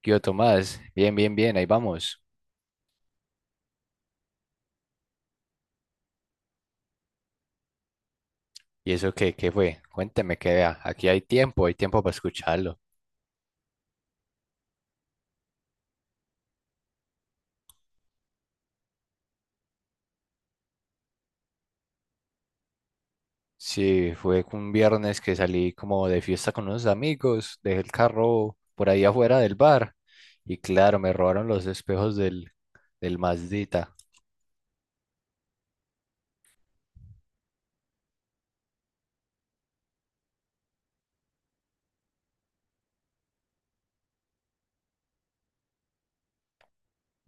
Qué yo, Tomás, bien, ahí vamos. ¿Y eso qué fue? Cuénteme, que vea, aquí hay tiempo para escucharlo. Sí, fue un viernes que salí como de fiesta con unos amigos, dejé el carro por ahí afuera del bar y claro, me robaron los espejos del Mazdita.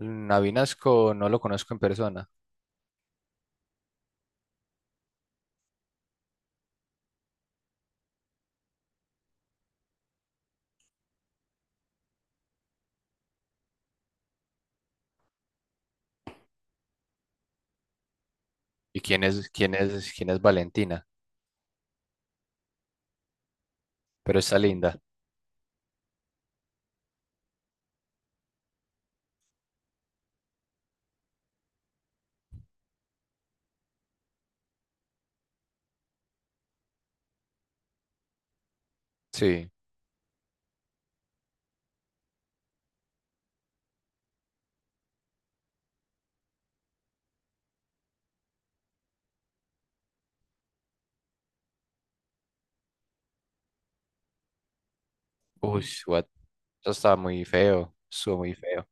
Navinasco no lo conozco en persona. ¿Y quién es Valentina? Pero está linda. Sí. Uy, what? Eso estaba muy feo, estuvo muy feo.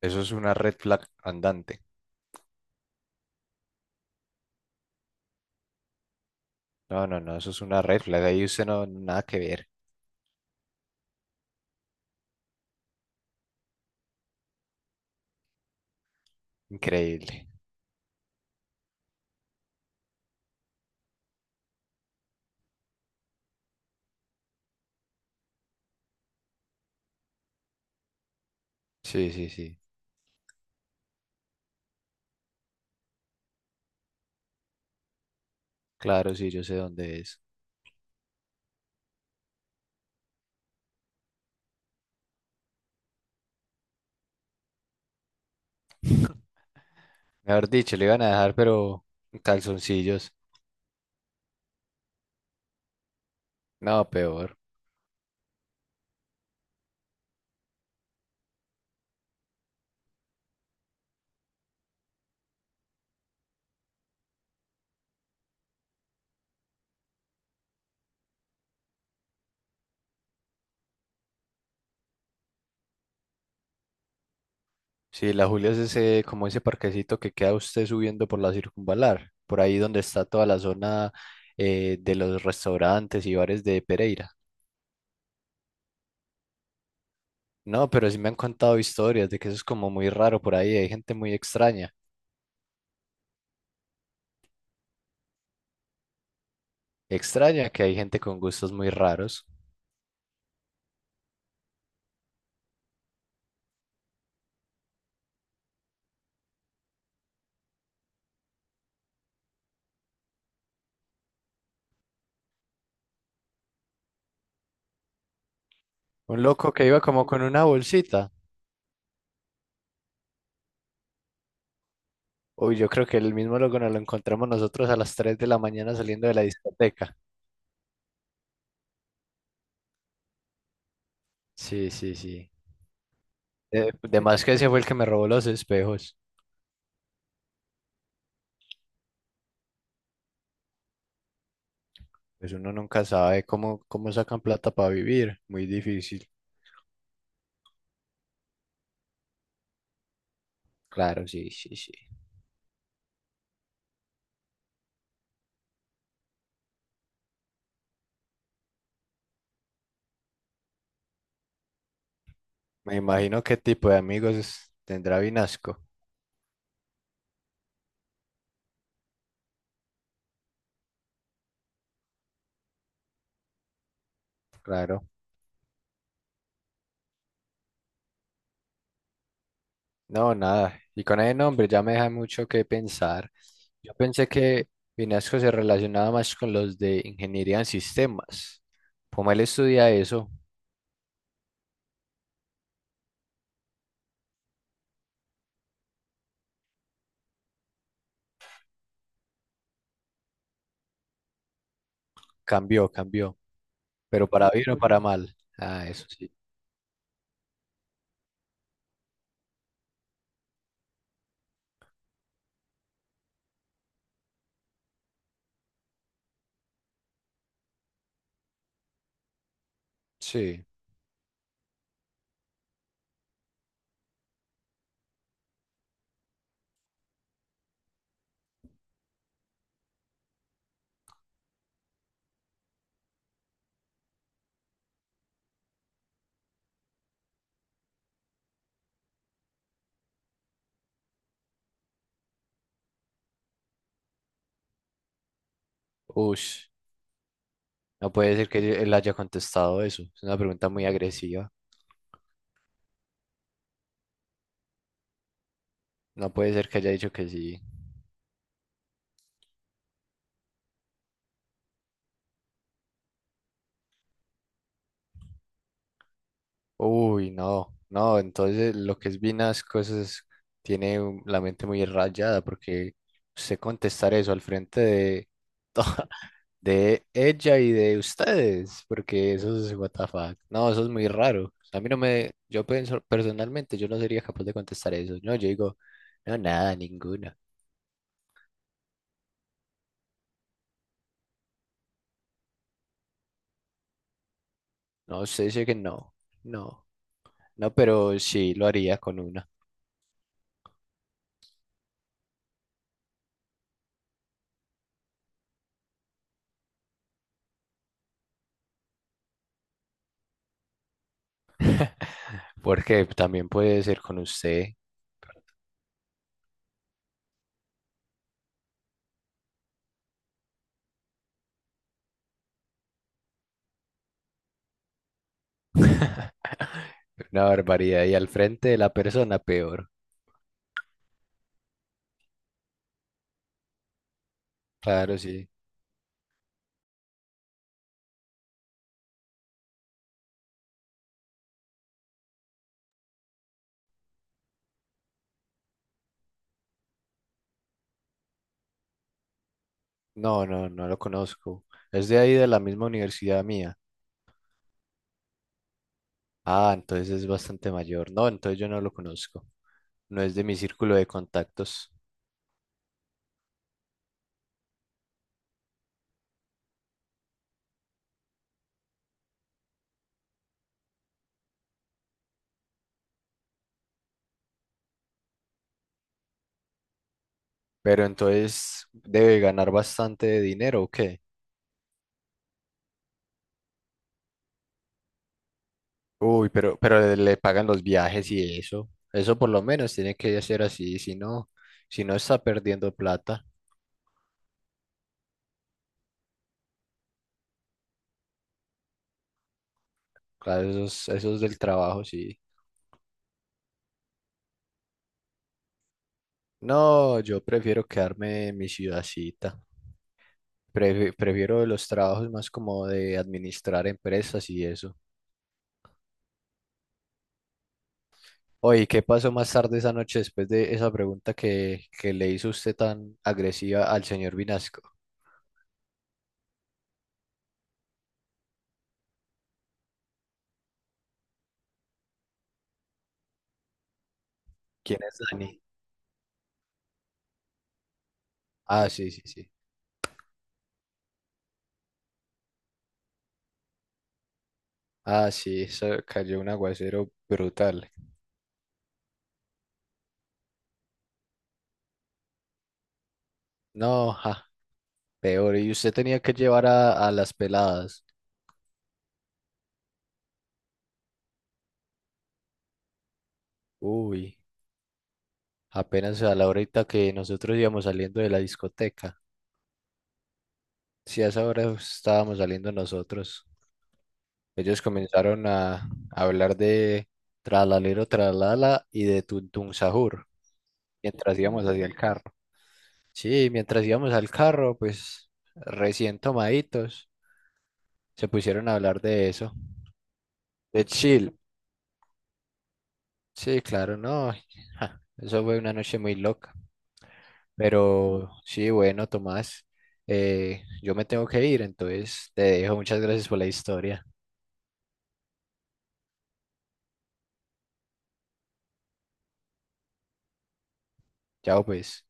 Eso es una red flag andante. No, no, no, eso es una red flag. Ahí usted no, nada que ver. Increíble. Sí, sí, sí. Claro, sí, yo sé dónde es. Mejor dicho, le iban a dejar, pero en calzoncillos. No, peor. Sí, la Julia es ese, como ese parquecito que queda usted subiendo por la circunvalar, por ahí donde está toda la zona de los restaurantes y bares de Pereira. No, pero sí me han contado historias de que eso es como muy raro por ahí. Hay gente muy extraña. Extraña que hay gente con gustos muy raros. Un loco que iba como con una bolsita. Uy, yo creo que el mismo loco nos lo encontramos nosotros a las 3 de la mañana saliendo de la discoteca. Sí, sí, sí. De más que ese fue el que me robó los espejos. Pues uno nunca sabe cómo sacan plata para vivir. Muy difícil. Claro, sí, sí, sí. Me imagino qué tipo de amigos tendrá Vinasco. Claro. No, nada. Y con ese nombre ya me deja mucho que pensar. Yo pensé que Vinasco se relacionaba más con los de ingeniería en sistemas. Como él estudia eso, cambió, cambió. Pero para bien o para mal. Ah, eso sí. Sí. Ush. No puede ser que él haya contestado eso. Es una pregunta muy agresiva. No puede ser que haya dicho que sí. Uy, no. No, entonces lo que es Vinas cosas tiene la mente muy rayada porque usted contestar eso al frente de, de ella y de ustedes, porque eso es what the fuck. No, eso es muy raro. A mí no me, yo pienso personalmente, yo no sería capaz de contestar eso. No, yo digo, no, nada, ninguno. No, usted dice que no, no, no, pero sí lo haría con una, porque también puede ser con usted. Una barbaridad. Y al frente de la persona, peor. Claro, sí. No, no, no lo conozco. Es de ahí de la misma universidad mía. Ah, entonces es bastante mayor. No, entonces yo no lo conozco. No es de mi círculo de contactos. Pero entonces debe ganar bastante dinero, ¿o qué? Uy, pero le pagan los viajes y eso. Eso por lo menos tiene que ser así, si no, si no está perdiendo plata. Claro, esos, esos del trabajo, sí. No, yo prefiero quedarme en mi ciudadcita. Prefiero los trabajos más como de administrar empresas y eso. Oye, ¿qué pasó más tarde esa noche después de esa pregunta que le hizo usted tan agresiva al señor Vinasco? ¿Quién es Dani? Ah, sí, sí, sí. Ah, sí, eso cayó un aguacero brutal. No, jaja, peor, y usted tenía que llevar a las peladas. Uy, apenas a la horita que nosotros íbamos saliendo de la discoteca. Si a esa hora estábamos saliendo nosotros. Ellos comenzaron a hablar de tralalero, tralala y de tuntun sahur mientras íbamos hacia el carro. Sí, mientras íbamos al carro, pues recién tomaditos, se pusieron a hablar de eso. De chill. Sí, claro, no. Ja, eso fue una noche muy loca. Pero sí, bueno, Tomás, yo me tengo que ir, entonces te dejo. Muchas gracias por la historia. Chao, pues.